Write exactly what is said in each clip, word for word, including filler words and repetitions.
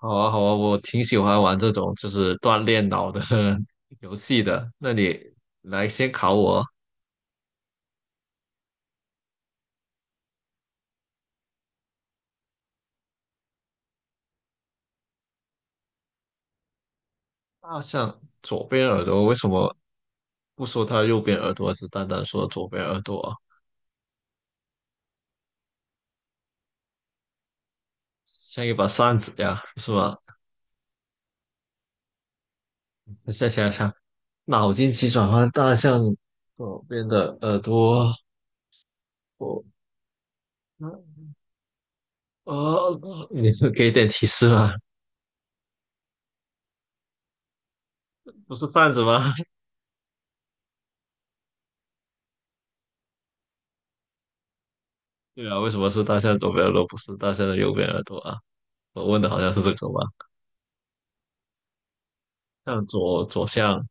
好啊，好啊，我挺喜欢玩这种就是锻炼脑的 游戏的。那你来先考我，大象左边耳朵为什么不说它右边耳朵，只单单说左边耳朵啊，像一把扇子呀，是吧？那再想想，脑筋急转弯，大象左边的耳朵，我呃，哦你是给点提示吗？不是扇子吗？对啊，为什么是大象左边耳朵，不是大象的右边耳朵啊？我问的好像是这个吧？向左左向，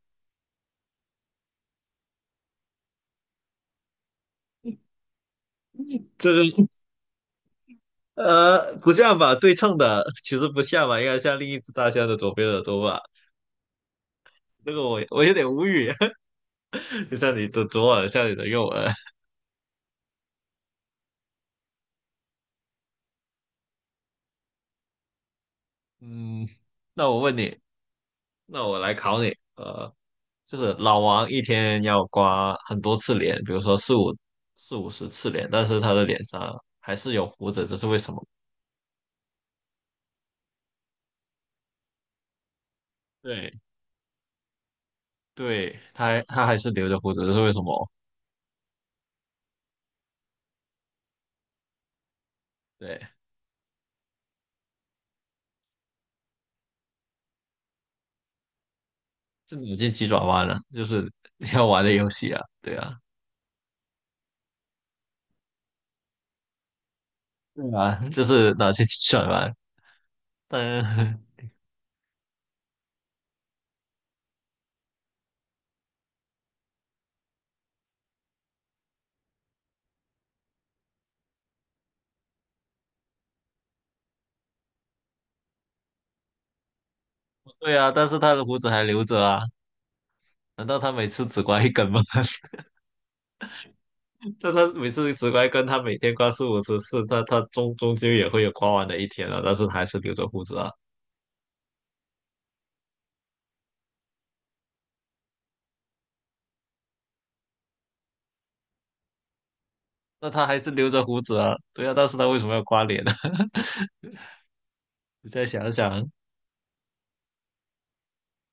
这个呃不像吧？对称的 其实不像吧，应该像另一只大象的左边耳朵吧？这个我我有点无语，就像你的左耳像你的右耳。嗯，那我问你，那我来考你，呃，就是老王一天要刮很多次脸，比如说四五四五十次脸，但是他的脸上还是有胡子，这是为什么？对对，他还他还是留着胡子，这是为什么？对。是脑筋急转弯啊，就是 你要玩的游戏啊，对啊，对啊，就是脑筋急转弯。但 对啊，但是他的胡子还留着啊，难道他每次只刮一根吗？但他每次只刮一根，他每天刮四五十次，他他终终究也会有刮完的一天啊，但是他还是留着胡子啊，那他还是留着胡子啊，对啊，但是他为什么要刮脸呢？你再想想，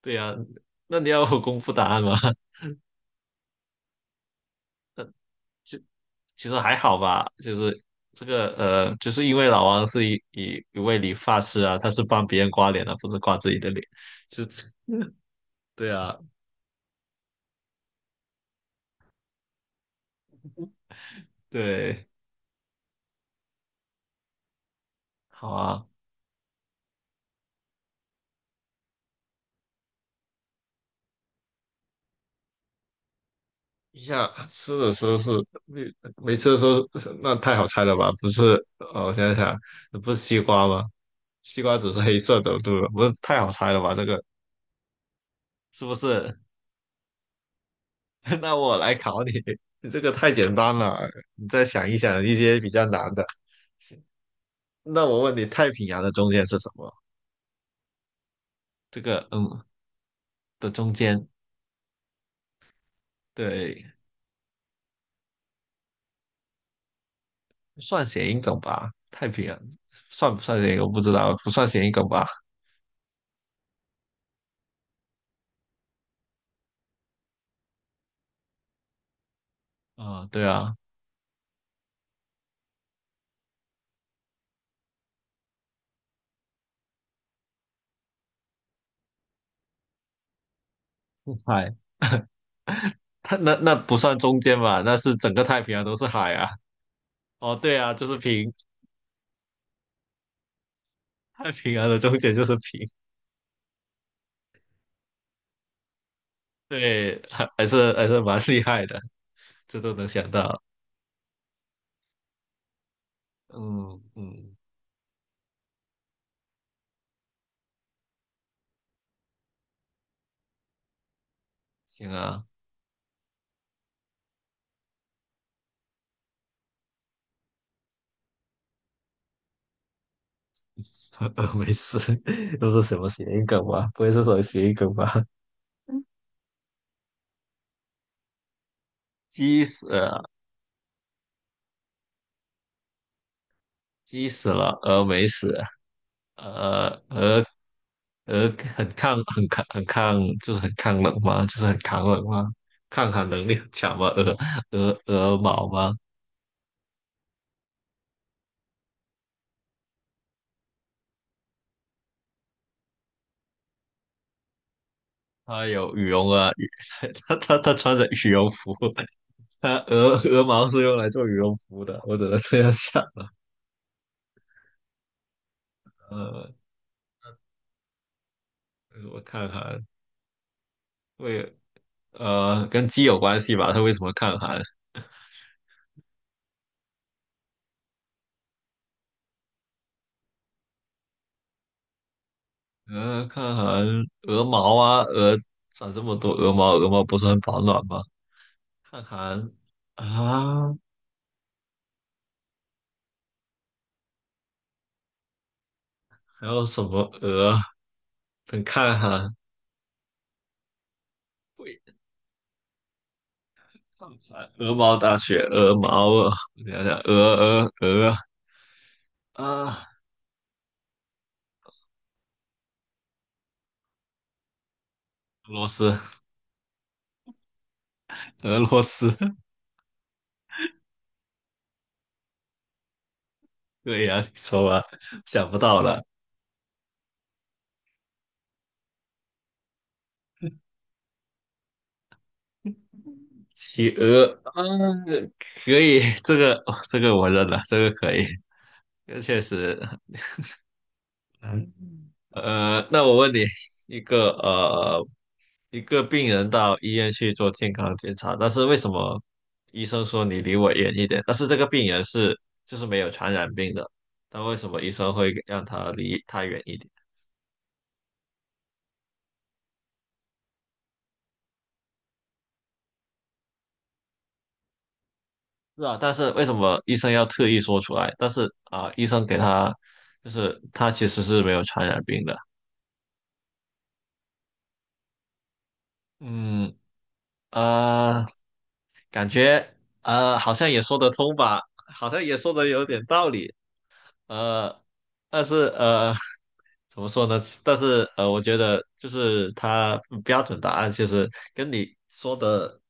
对啊，那你要我公布答案吗？其其实还好吧，就是这个呃，就是因为老王是一一一位理发师啊，他是帮别人刮脸的，不是刮自己的脸，就对啊，对，好啊。一下吃的时候是没没吃的时候是那太好猜了吧？不是，哦，我想想，不是西瓜吗？西瓜只是黑色的，对吧？不是太好猜了吧？这个是不是？那我来考你，你这个太简单了，你再想一想一些比较难的。那我问你，太平洋的中间是什么？这个嗯的中间，对，算谐音梗吧？太平洋算不算谐音梗我不知道，不算谐音梗吧？啊、对啊，海，它那那不算中间吧？那是整个太平洋都是海啊。哦，对啊，就是平，太平洋的中间就是平。对，还还是还是蛮厉害的，这都能想到。嗯嗯，行啊，没事，都是什么谐音梗吧？不会是什么谐音梗吧？鸡死，鸡死了，鹅没死，呃，鹅鹅很抗很抗很抗，就是很抗冷吗？就是很抗冷吗？抗寒能力很强吗？鹅鹅鹅毛吗？它有羽绒啊，羽 它它它 穿着羽绒服，它鹅鹅毛是用来做羽绒服的，我只能这样想。呃，我看看，为呃跟鸡有关系吧？它为什么抗寒？鹅抗寒鹅毛啊，鹅长这么多鹅毛，鹅毛不是很保暖吗？看韩啊，还有什么鹅？等看韩，喂，看韩，鹅毛大雪，鹅毛啊，我想想，鹅鹅鹅啊，俄罗斯，俄罗斯，对呀、你说吧，想不到了，企鹅，啊，可以，这个、哦这个我认了，这个可以，这确实，呃，那我问你，一个呃，一个病人到医院去做健康检查，但是为什么医生说你离我远一点？但是这个病人是就是没有传染病的，但为什么医生会让他离他远一点？是啊，但是为什么医生要特意说出来？但是啊、医生给他就是他其实是没有传染病的。嗯啊、呃感觉呃好像也说得通吧，好像也说得有点道理，呃，但是呃 怎么说呢？但是呃，我觉得就是它嗯标准答案其实跟你说的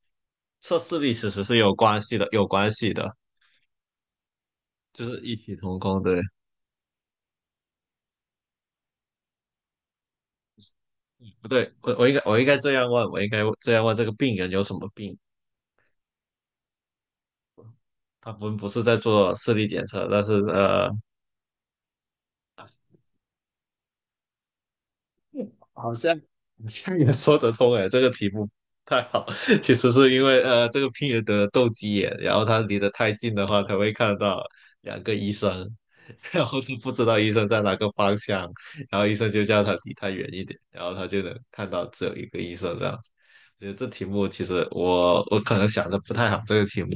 测试力其实是有关系的，有关系的，就是异曲同工。对，不对？我我应该我应该这样问，我应该这样问这个病人有什么病？他不不是在做视力检测，但是呃。你这样也说得通哎，这个题目太好。其实是因为呃，这个病人得了斗鸡眼，然后他离得太近的话，他会看到两个医生，然后他不知道医生在哪个方向，然后医生就叫他离他远一点，然后他就能看到只有一个医生这样子。我觉得这题目其实我我可能想的不太好，这个题目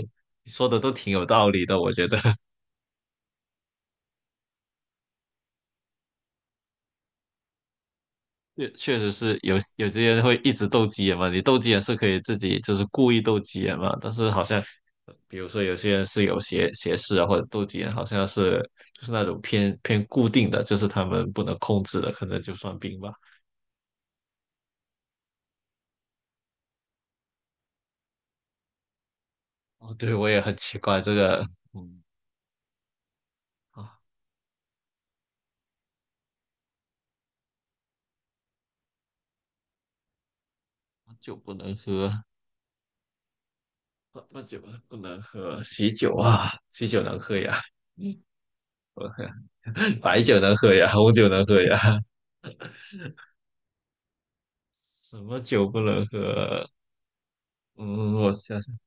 你说的都挺有道理的，我觉得。确确实是有有些人会一直斗鸡眼嘛，你斗鸡眼是可以自己就是故意斗鸡眼嘛，但是好像呃比如说有些人是有斜斜视啊，或者斗鸡眼，好像是就是那种偏偏固定的，就是他们不能控制的，可能就算病吧。哦，对，我也很奇怪这个，嗯啊，酒不能喝，那那酒不能喝，喜酒啊，喜酒能喝呀，嗯，白酒能喝呀，红酒能喝呀，什么酒不能喝？嗯，我想。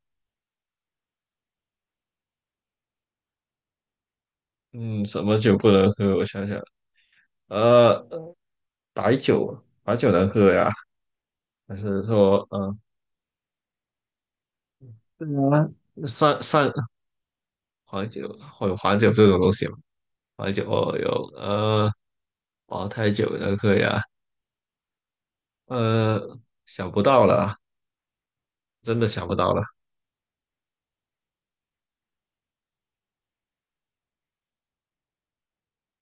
嗯，什么酒不能喝？我想想，呃，白酒，白酒能喝呀？还是说，呃，对啊，三三黄酒会有黄酒这种东西吗？黄酒哦有，呃，茅台酒能喝呀？呃，想不到了，真的想不到了。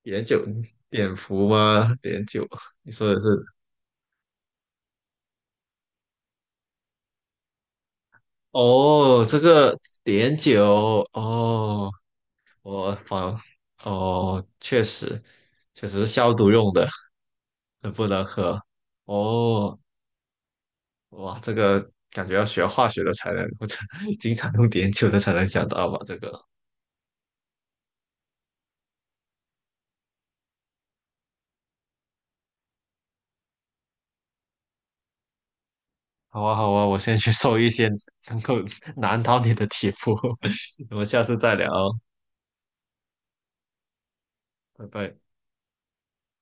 碘酒，碘伏吗？碘酒，你说的是？哦，这个碘酒，哦，我仿，哦，确实，确实是消毒用的。很不能喝。哦，哇，这个感觉要学化学的才能，或者 经常用碘酒的才能想到吧？这个，好啊，好啊，我先去搜一些能够 难倒你的题目，我们下次再聊哦，拜拜。